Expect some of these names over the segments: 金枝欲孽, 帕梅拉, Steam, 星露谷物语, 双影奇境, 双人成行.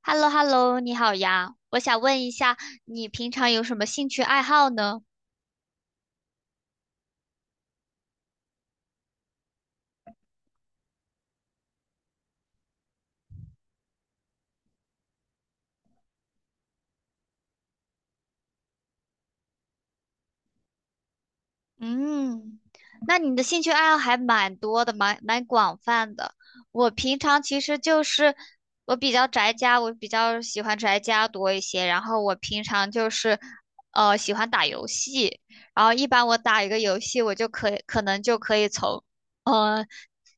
h e l l o h e l l o 你好呀，我想问一下，你平常有什么兴趣爱好呢？嗯，那你的兴趣爱好还蛮多的，蛮广泛的。我平常其实就是我比较宅家，我比较喜欢宅家多一些。然后我平常就是喜欢打游戏，然后一般我打一个游戏，我就可以可能就可以从呃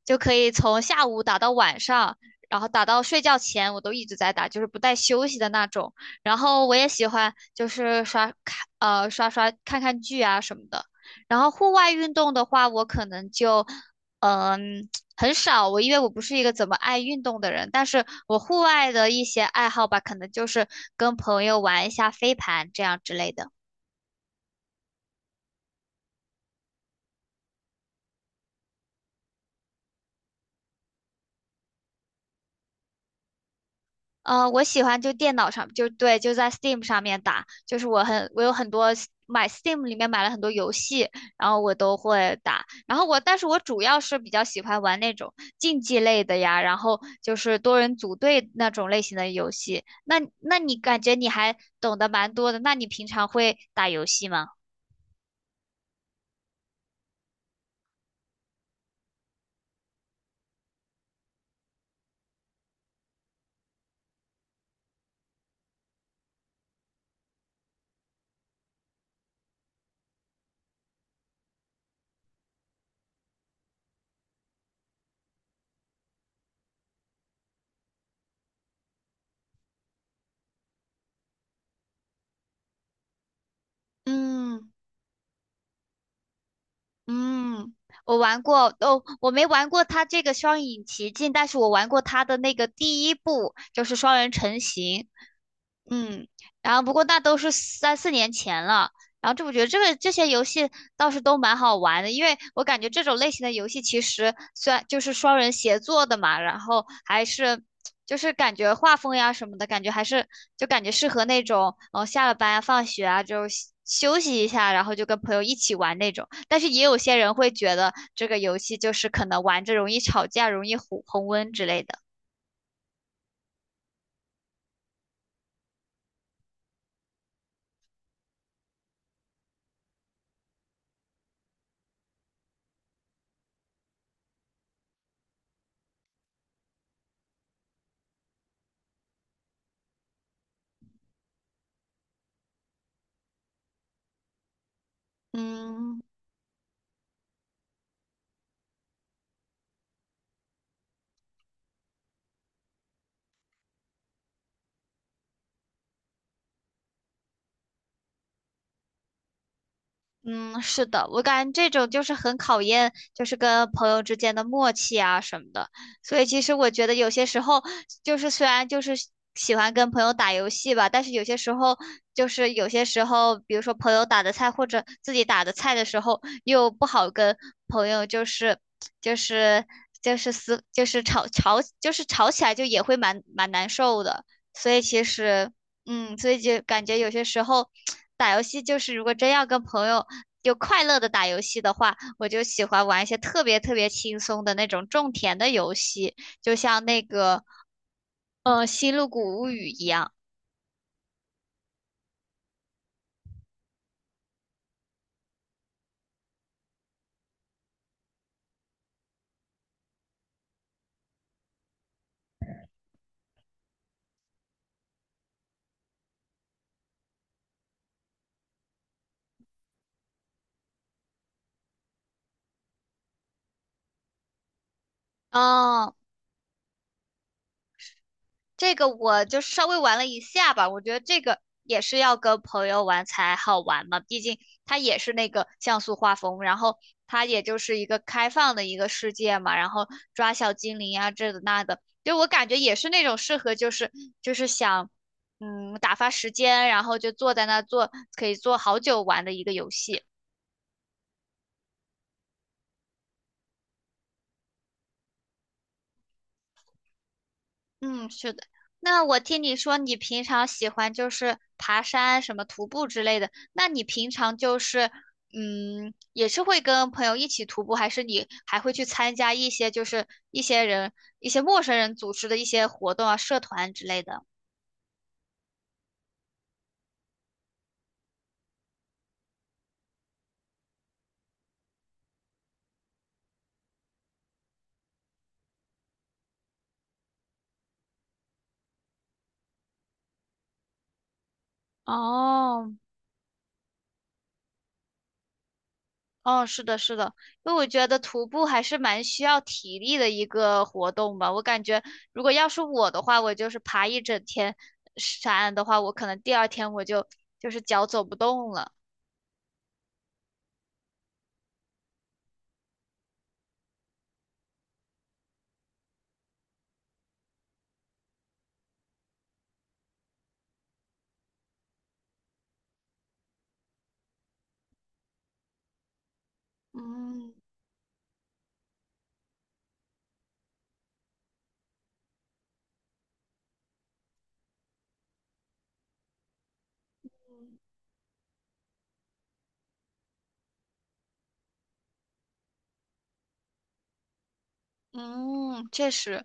就可以从下午打到晚上，然后打到睡觉前，我都一直在打，就是不带休息的那种。然后我也喜欢就是刷看剧啊什么的。然后户外运动的话，我可能就嗯很少，我因为我不是一个怎么爱运动的人，但是我户外的一些爱好吧，可能就是跟朋友玩一下飞盘这样之类的。我喜欢就电脑上，就对，就在 Steam 上面打，就是我很，我有很多 买 Steam 里面买了很多游戏，然后我都会打。然后我，但是我主要是比较喜欢玩那种竞技类的呀，然后就是多人组队那种类型的游戏。那你感觉你还懂得蛮多的，那你平常会打游戏吗？嗯嗯,我玩过哦，我没玩过它这个双影奇境，但是我玩过它的那个第一部，就是双人成行，嗯，然后不过那都是三四年前了。然后我觉得这些游戏倒是都蛮好玩的，因为我感觉这种类型的游戏其实虽然就是双人协作的嘛，然后还是就是感觉画风呀什么的，感觉还是就感觉适合那种下了班啊放学啊就休息一下，然后就跟朋友一起玩那种。但是也有些人会觉得这个游戏就是可能玩着容易吵架、容易红温之类的。嗯。嗯，是的，我感觉这种就是很考验，就是跟朋友之间的默契啊什么的。所以其实我觉得有些时候，就是虽然就是喜欢跟朋友打游戏吧，但是有些时候比如说朋友打的菜或者自己打的菜的时候，又不好跟朋友就是就是就是撕就是吵吵就是吵起来就也会蛮难受的。所以其实。嗯，所以就感觉有些时候 打游戏就是，如果真要跟朋友就快乐的打游戏的话，我就喜欢玩一些特别轻松的那种种田的游戏，就像那个《星露谷物语》一样。啊。这个我就稍微玩了一下吧，我觉得这个也是要跟朋友玩才好玩嘛，毕竟它也是那个像素画风，然后它也就是一个开放的一个世界嘛，然后抓小精灵啊，这的那的，就我感觉也是那种适合就是想打发时间，然后就坐在那可以坐好久玩的一个游戏。嗯，是的。那我听你说你平常喜欢就是爬山、什么徒步之类的，那你平常就是嗯，也是会跟朋友一起徒步，还是你还会去参加一些就是一些人、一些陌生人组织的一些活动啊、社团之类的？哦，哦，是的，是的，因为我觉得徒步还是蛮需要体力的一个活动吧。我感觉，如果要是我的话，我就是爬一整天山的话，我可能第二天我就就是脚走不动了。嗯嗯，确实。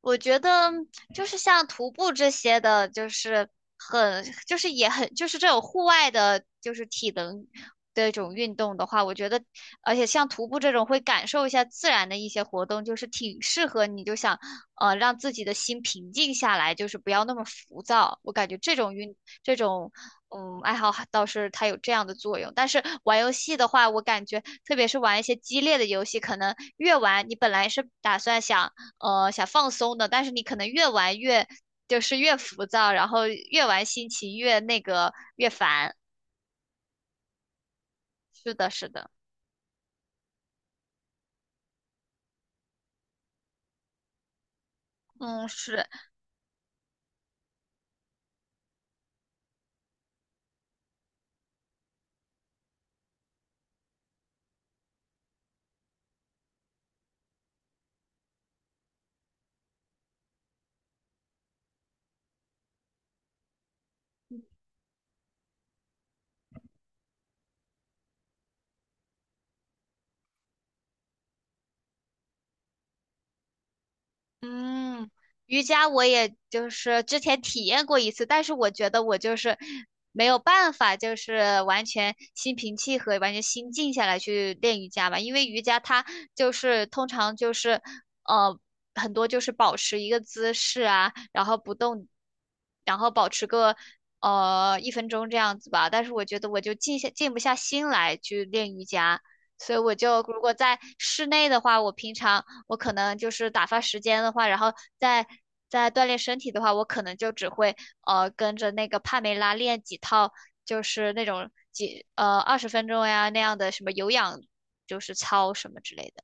我觉得就是像徒步这些的，就是很，就是也很，就是这种户外的，就是体能的一种运动的话，我觉得，而且像徒步这种会感受一下自然的一些活动，就是挺适合你，就想让自己的心平静下来，就是不要那么浮躁。我感觉这种爱好还倒是它有这样的作用，但是玩游戏的话，我感觉特别是玩一些激烈的游戏，可能越玩你本来是打算想。想放松的，但是你可能越玩就是越浮躁，然后越玩心情越那个越烦。是的，是的。嗯，是。嗯，瑜伽我也就是之前体验过一次，但是我觉得我就是没有办法，就是完全心平气和、完全心静下来去练瑜伽吧，因为瑜伽它就是通常就是呃很多就是保持一个姿势啊，然后不动，然后保持个1分钟这样子吧，但是我觉得我就静不下心来去练瑜伽。所以我就如果在室内的话，我平常我可能就是打发时间的话，然后再再锻炼身体的话，我可能就只会跟着那个帕梅拉练几套，就是那种20分钟呀那样的什么有氧，就是操什么之类的。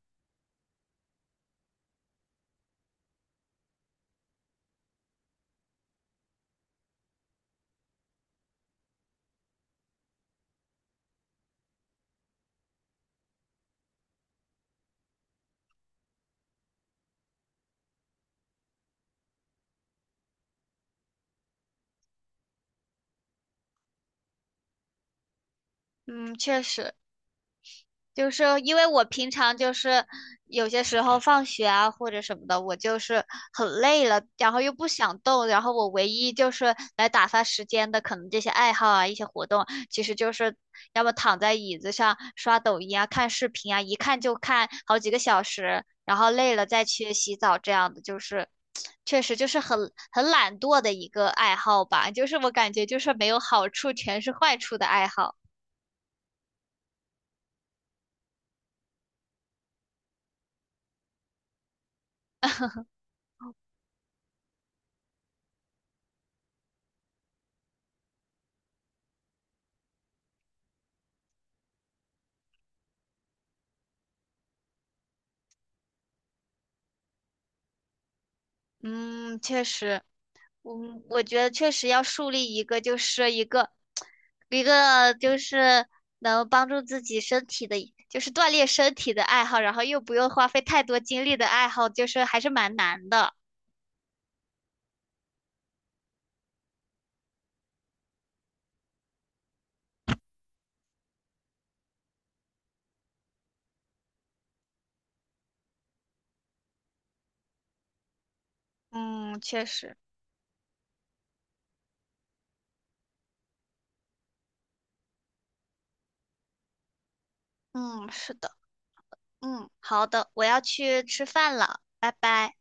嗯，确实，就是因为我平常就是有些时候放学啊或者什么的，我就是很累了，然后又不想动，然后我唯一就是来打发时间的，可能这些爱好啊、一些活动，其实就是要么躺在椅子上刷抖音啊、看视频啊，一看就看好几个小时，然后累了再去洗澡这样的，就是确实就是很懒惰的一个爱好吧，就是我感觉就是没有好处，全是坏处的爱好。嗯，确实。嗯，我觉得确实要树立一个，就是一个，一个就是能帮助自己身体的，就是锻炼身体的爱好，然后又不用花费太多精力的爱好，就是还是蛮难的。嗯，确实，嗯，是的，嗯，好的，我要去吃饭了，拜拜。